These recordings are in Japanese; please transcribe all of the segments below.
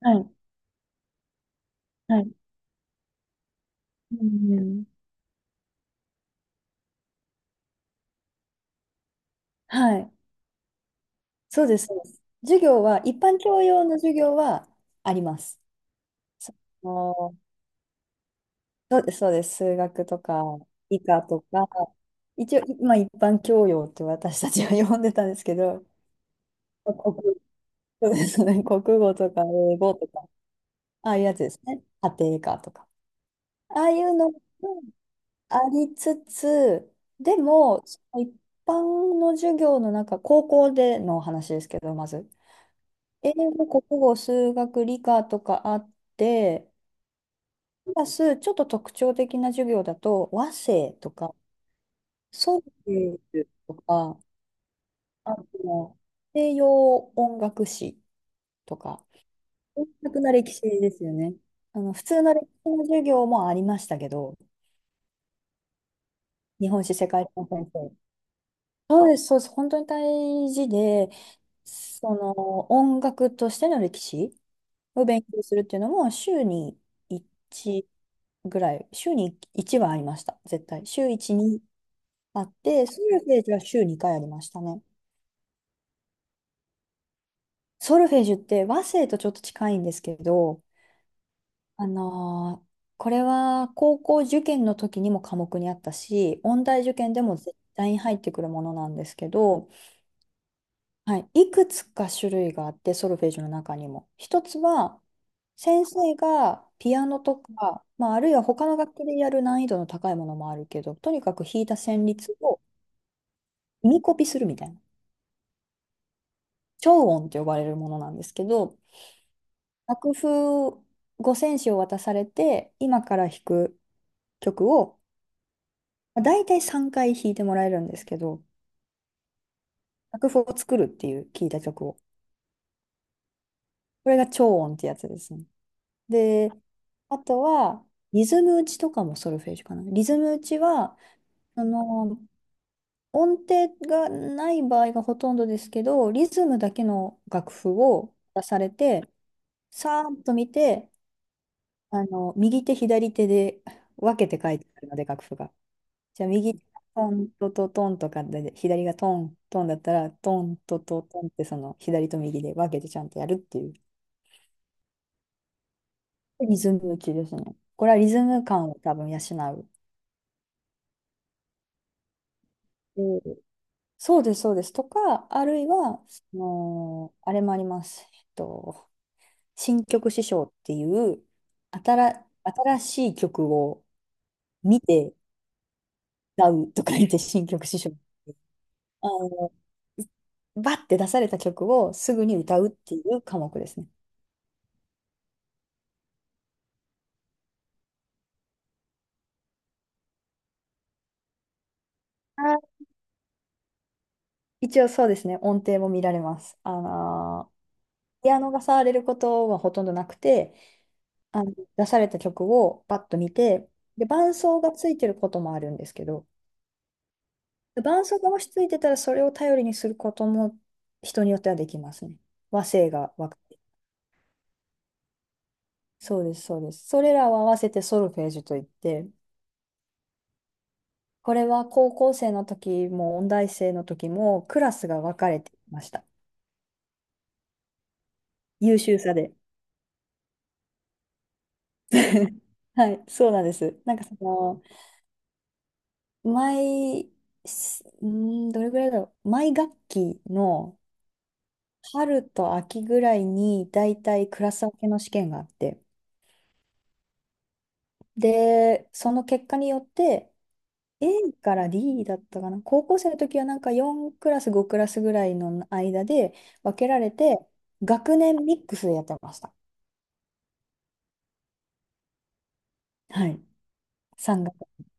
はい。はい。うん、はい。そうです。そうです。授業は、一般教養の授業はあります。その、そうです、そうです。数学とか、理科とか、一応、まあ、一般教養って私たちは呼んでたんですけど、国、そうですね。国語とか英語とか、ああいうやつですね。家庭科とか。ああいうのもありつつ、でも、その一般の授業の中、高校での話ですけど、まず。英語、国語、数学、理科とかあって、プラスちょっと特徴的な授業だと和声とか、ソウルとか、あと西洋音楽史とか、音楽な歴史ですよね。あの普通の歴史の授業もありましたけど、日本史世界史の先生。そうです、そうです。本当に大事で、その音楽としての歴史を勉強するっていうのも週に1ぐらい、週に1はありました、絶対。週1にあって、ソルフェージュは週2回ありましたね。ソルフェージュって和声とちょっと近いんですけど、あのーこれは高校受験の時にも科目にあったし、音大受験でも絶対に入ってくるものなんですけど、はい、いくつか種類があって、ソルフェージュの中にも。一つは、先生がピアノとか、まあ、あるいは他の楽器でやる難易度の高いものもあるけど、とにかく弾いた旋律を耳コピするみたいな、超音って呼ばれるものなんですけど、楽譜五線紙を渡されて、今から弾く曲を、まあ、大体3回弾いてもらえるんですけど、楽譜を作るっていう聞いた曲を。これが超音ってやつですね。で、あとは、リズム打ちとかもソルフェージュかな。リズム打ちは、その、音程がない場合がほとんどですけど、リズムだけの楽譜を出されて、さーっと見て、あの、右手、左手で分けて書いてあるので、楽譜が。じゃあ、右手がトントトトンとかで、左がトントンだったら、トントトトンって、その、左と右で分けてちゃんとやるっていう、リズム打ちですね。これはリズム感を多分養う。そうです、そうです。とか、あるいは、その、あれもあります。新曲師匠っていう、新しい曲を見て歌うとか言って、新曲師匠。あの、バッて出された曲をすぐに歌うっていう科目ですね。あ一応そうですね、音程も見られます。ピアノが触れることはほとんどなくて、あの、出された曲をバッと見て、で、伴奏がついてることもあるんですけど、伴奏が落ち着いてたらそれを頼りにすることも人によってはできますね。和声が分かる。そうです、そうです。それらを合わせてソルフェージュといって、これは高校生の時も音大生の時もクラスが分かれていました。優秀さで。はい、そうなんです。なんかその、毎、すうーん、どれぐらいだろう。毎学期の春と秋ぐらいに、だいたいクラス分けの試験があって、で、その結果によって、A から D だったかな。高校生の時はなんか4クラス、5クラスぐらいの間で分けられて、学年ミックスでやってました。はい。3学年。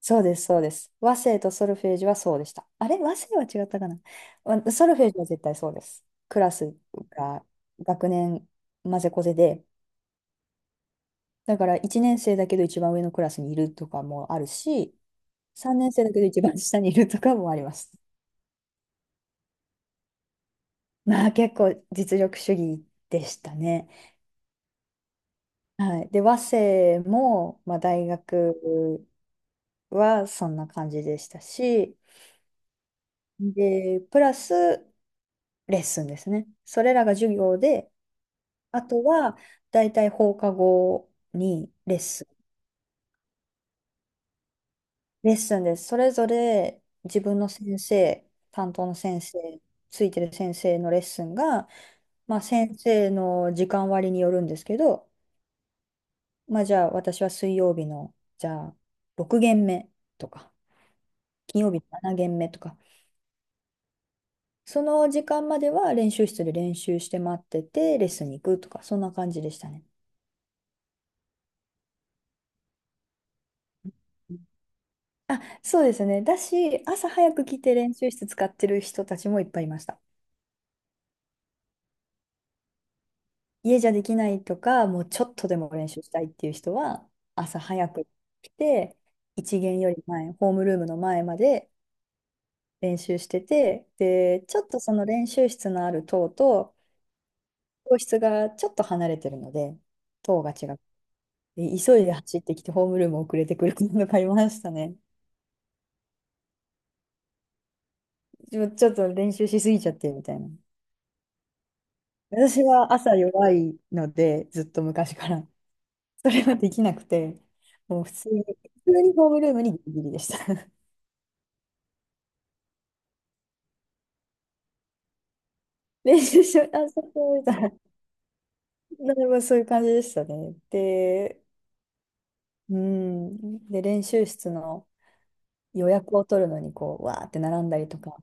そうです、そうです。和声とソルフェージュはそうでした。あれ和声は違ったかな。ソルフェージュは絶対そうです。クラスが学年混ぜこぜで、だから1年生だけど一番上のクラスにいるとかもあるし、3年生だけど一番下にいるとかもあります。まあ結構実力主義でしたね。はい。で、和製も、まあ、大学はそんな感じでしたし、で、プラスレッスンですね。それらが授業で、あとは大体放課後にレッスン。レッスンです。それぞれ自分の先生、担当の先生、ついてる先生のレッスンが、まあ、先生の時間割によるんですけど、まあ、じゃあ私は水曜日の、じゃあ6限目とか。金曜日7限目とか、その時間までは練習室で練習して待ってて、レッスンに行くとか、そんな感じでしたね。あ、そうですね。だし、朝早く来て練習室使ってる人たちもいっぱいいました。家じゃできないとか、もうちょっとでも練習したいっていう人は、朝早く来て、一限より前、ホームルームの前まで練習してて、で、ちょっとその練習室のある棟と、教室がちょっと離れてるので、棟が違う。で急いで走ってきてホームルーム遅れてくるのがいましたね。ちょっと練習しすぎちゃってみたいな。私は朝弱いので、ずっと昔から。それはできなくて、もう普通に、普通にホームルームにギリギリでした。練習しよう、あ、そうそうみたいな。なるほどそういう感じでしたね。で、うん。で、練習室の予約を取るのに、こう、わーって並んだりとか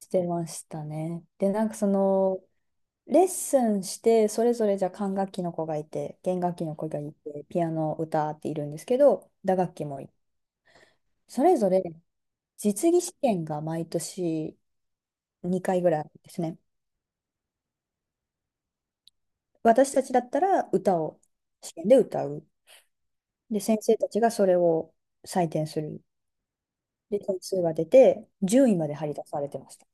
してましたね。で、なんかその、レッスンして、それぞれじゃあ管楽器の子がいて、弦楽器の子がいて、ピアノ、歌っているんですけど、打楽器もいる。それぞれ実技試験が毎年2回ぐらいあるんですね。私たちだったら歌を試験で歌う。で、先生たちがそれを採点する。で、点数が出て、1位まで張り出されてました。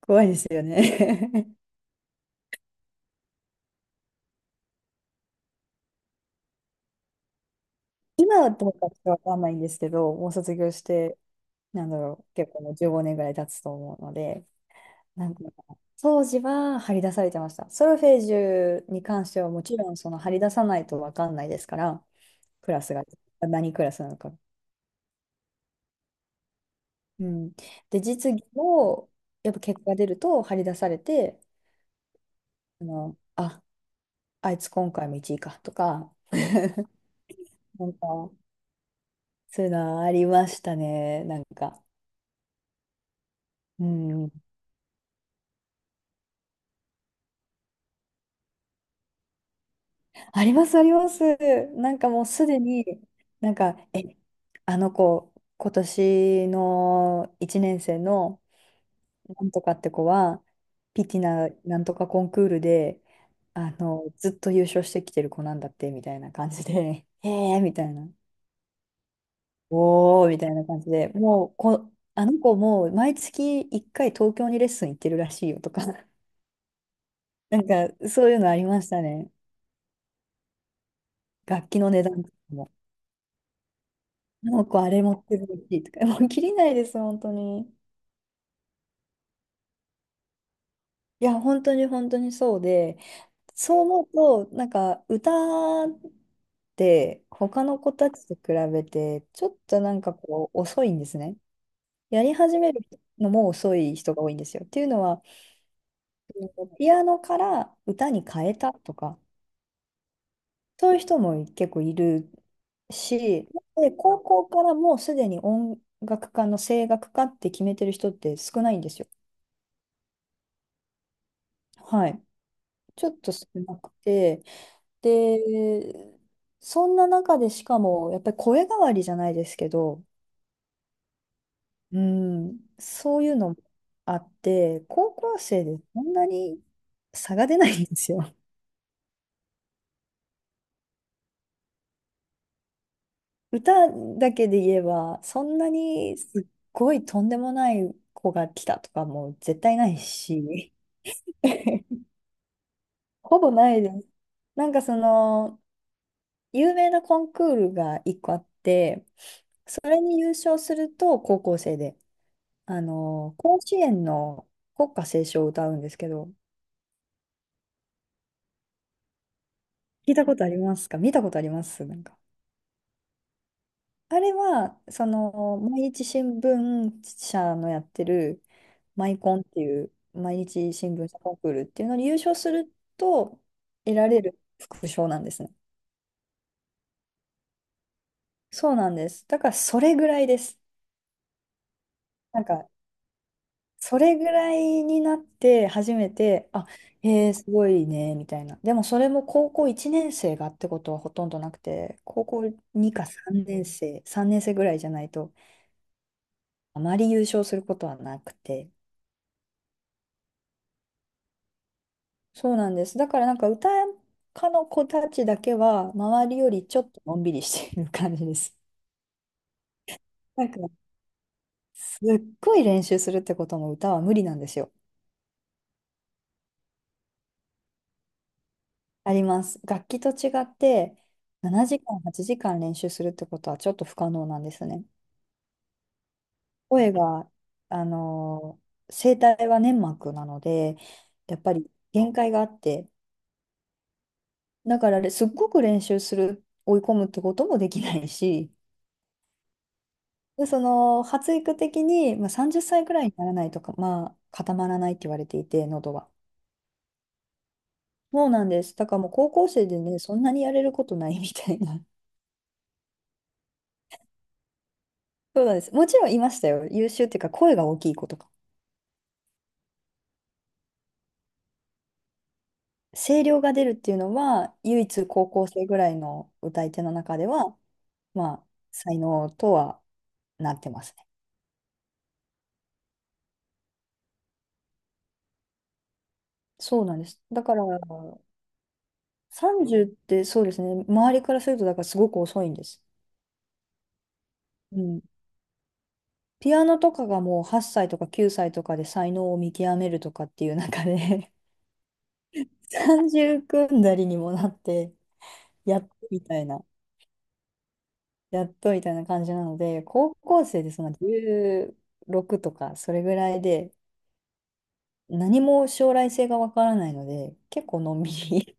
怖いですよね。 今はどうかちょっとわかんないんですけど、もう卒業して、なんだろう、結構もう15年ぐらい経つと思うので、なんか、当時は張り出されてました。ソルフェージュに関してはもちろんその張り出さないと分かんないですから、クラスが何クラスなのか。うん、で、実技もやっぱ結果が出ると張り出されて、あの、あいつ今回も一位かとか、なんか、そういうのありましたね、なんか。うん、あります、あります。なんかもうすでに、なんか、あの子、今年の1年生の、なんとかって子は、ピティナなんとかコンクールで、あの、ずっと優勝してきてる子なんだって、みたいな感じで、へえーみたいな、おーみたいな感じで、もうこ、あの子もう毎月1回東京にレッスン行ってるらしいよとか、なんかそういうのありましたね。楽器の値段、あの子あれ持ってるらしいとか、もう切りないです、本当に。いや、本当に本当にそうで、そう思うと、なんか歌って他の子たちと比べて、ちょっとなんかこう遅いんですね。やり始めるのも遅い人が多いんですよ。っていうのは、ピアノから歌に変えたとか、そういう人も結構いるし、で、高校からもうすでに音楽家の声楽家って決めてる人って少ないんですよ。はい。ちょっと少なくて、で、そんな中でしかも、やっぱり声変わりじゃないですけど、うん、そういうのもあって、高校生でそんなに差が出ないんですよ。歌だけで言えば、そんなにすっごいとんでもない子が来たとかも絶対ないし、ほぼないです。なんかその、有名なコンクールが1個あって、それに優勝すると高校生で。あの、甲子園の国歌斉唱を歌うんですけど、聞いたことありますか？見たことありますなんか。あれは、その、毎日新聞社のやってる、マイコンっていう、毎日新聞社コンクールっていうのに優勝すると、得られる副賞なんですね。そうなんです。だから、それぐらいです。なんか、それぐらいになって初めて、あ、へえー、すごいね、みたいな。でもそれも高校1年生がってことはほとんどなくて、高校2か3年生、3年生ぐらいじゃないと、あまり優勝することはなくて。そうなんです。だからなんか歌家の子たちだけは、周りよりちょっとのんびりしている感じです。なんか、すっごい練習するってことも歌は無理なんですよ。あります。楽器と違って7時間、8時間練習するってことはちょっと不可能なんですね。声が、あの声帯は粘膜なので、やっぱり限界があって、だかられすっごく練習する、追い込むってこともできないし、で、その発育的に、まあ、30歳くらいにならないとか、まあ、固まらないって言われていて、喉は。そうなんです。だからもう高校生でね、そんなにやれることないみたいな。そうなんです。もちろんいましたよ。優秀っていうか、声が大きい子とか。声量が出るっていうのは、唯一高校生ぐらいの歌い手の中では、まあ、才能とはなってますね。そうなんです。だから、30ってそうですね、周りからすると、だからすごく遅いんです。うん。ピアノとかがもう8歳とか9歳とかで才能を見極めるとかっていう中で 30組んだりにもなって、やっとみたいな、やっとみたいな感じなので、高校生でその16とか、それぐらいで、何も将来性がわからないので、結構のんびり。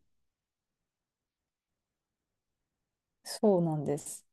そうなんです。